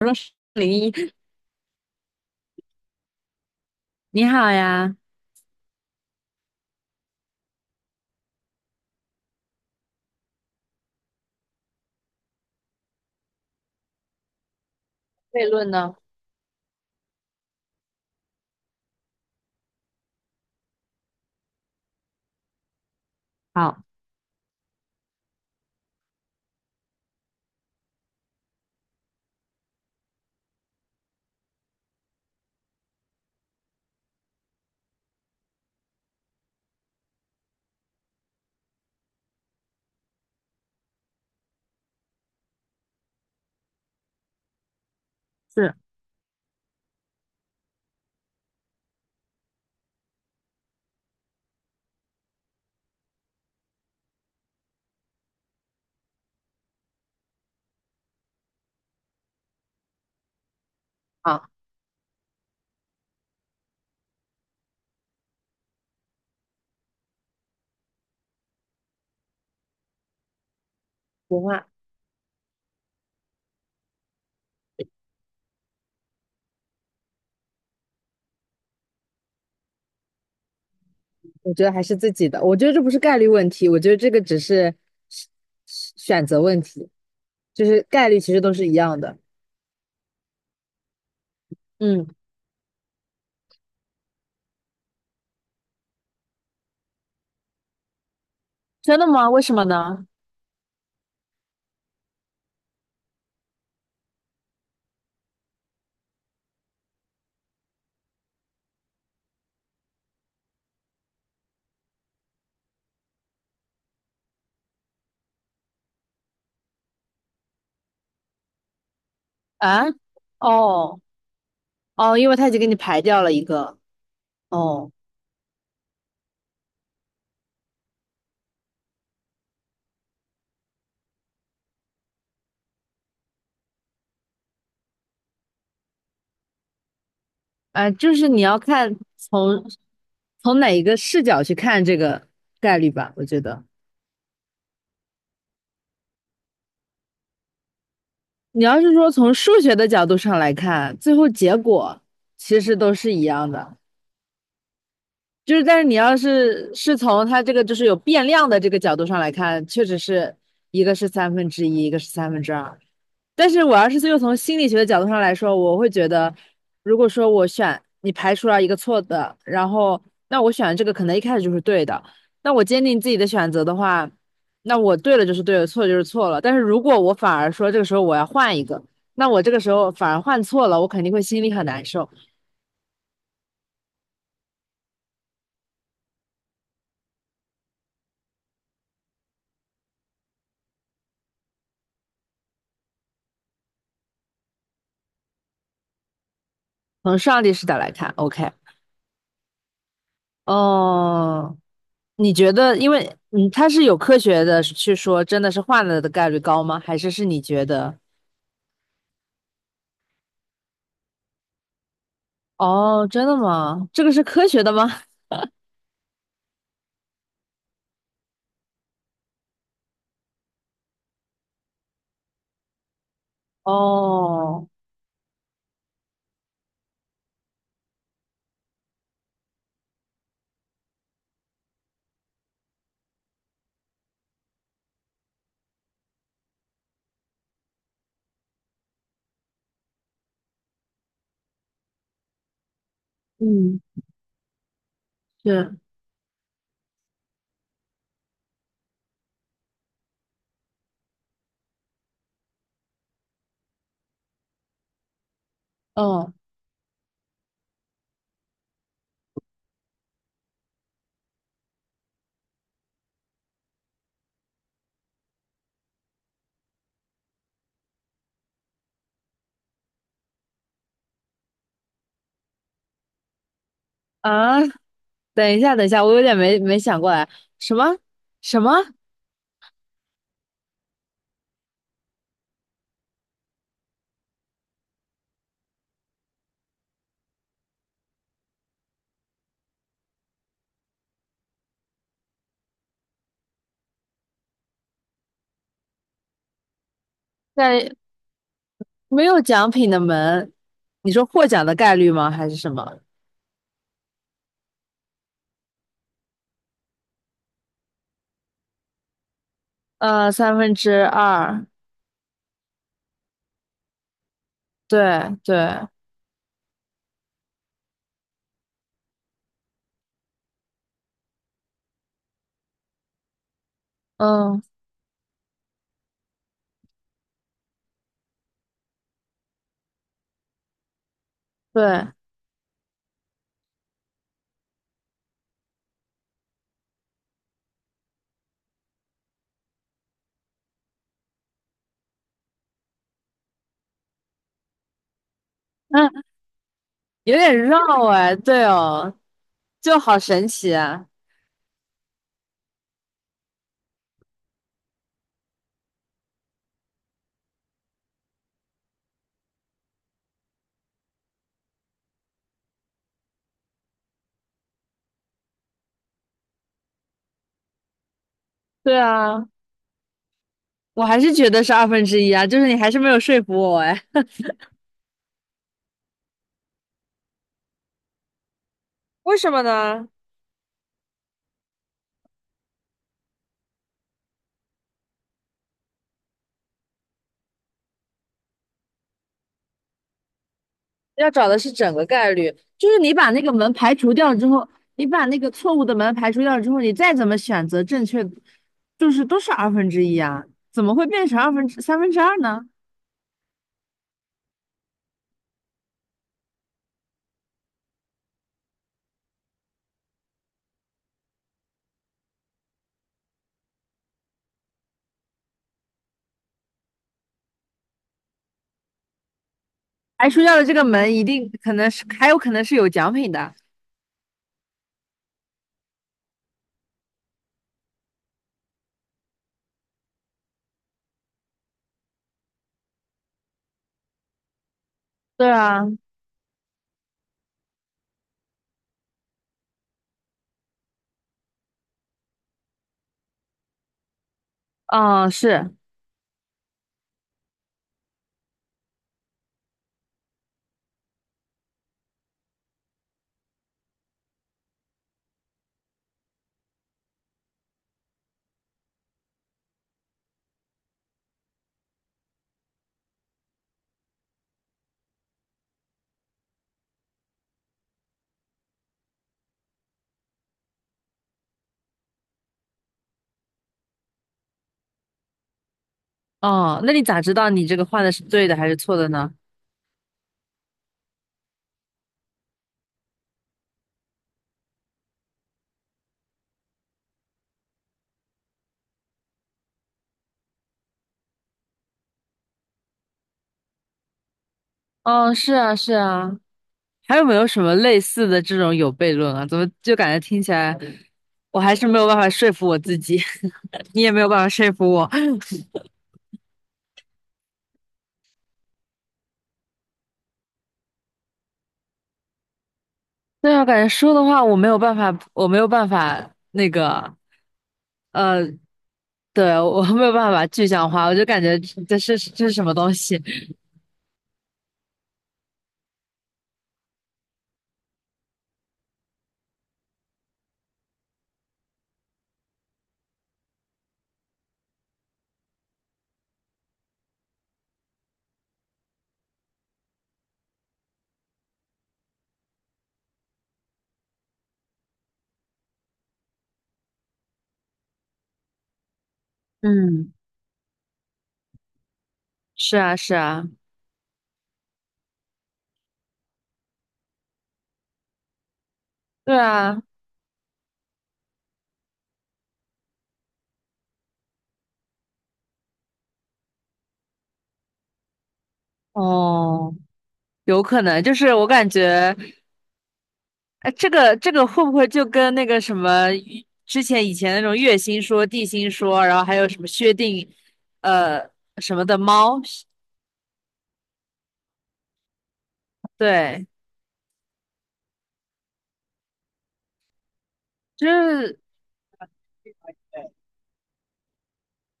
说是零一，你好呀。悖论呢？好，是，好，不换。我觉得还是自己的。我觉得这不是概率问题，我觉得这个只是是是选择问题，就是概率其实都是一样的。嗯，真的吗？为什么呢？啊，哦，哦，因为他已经给你排掉了一个，哦，哎，就是你要看从哪一个视角去看这个概率吧，我觉得。你要是说从数学的角度上来看，最后结果其实都是一样的，就是但是你要是从它这个就是有变量的这个角度上来看，确实是一个是三分之一，一个是三分之二。但是我要是又从心理学的角度上来说，我会觉得，如果说我选你排除了一个错的，然后那我选的这个可能一开始就是对的，那我坚定自己的选择的话，那我对了就是对了，错了就是错了。但是如果我反而说这个时候我要换一个，那我这个时候反而换错了，我肯定会心里很难受。从上帝视角来看，OK，哦，你觉得，因为嗯，它是有科学的去说，真的是换了的概率高吗？还是是你觉得？哦，真的吗？这个是科学的吗？哦，嗯，是，哦，啊，等一下，等一下，我有点没想过来，什么什么，在没有奖品的门，你说获奖的概率吗？还是什么？三分之二，对对，嗯，对，嗯，有点绕哎，对哦，就好神奇啊，对啊，我还是觉得是二分之一啊，就是你还是没有说服我哎，为什么呢？要找的是整个概率，就是你把那个门排除掉之后，你把那个错误的门排除掉之后，你再怎么选择正确，就是都是二分之一啊，怎么会变成二分之三分之二呢？排除掉的这个门一定可能是还有可能是有奖品的。对啊，哦是，哦，那你咋知道你这个换的是对的还是错的呢？哦，是啊是啊，还有没有什么类似的这种有悖论啊？怎么就感觉听起来我还是没有办法说服我自己，你也没有办法说服我。对啊，感觉说的话我没有办法，我没有办法那个，呃，对，我 没有办法具象化，我就感觉这是这是什么东西？嗯，是啊，是啊，对啊，哦，有可能，就是我感觉，哎，这个会不会就跟那个什么之前以前那种月心说、地心说，然后还有什么薛定，呃，什么的猫，对，就是。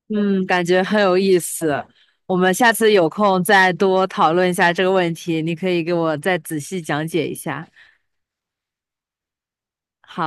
嗯，感觉很有意思。我们下次有空再多讨论一下这个问题，你可以给我再仔细讲解一下。好。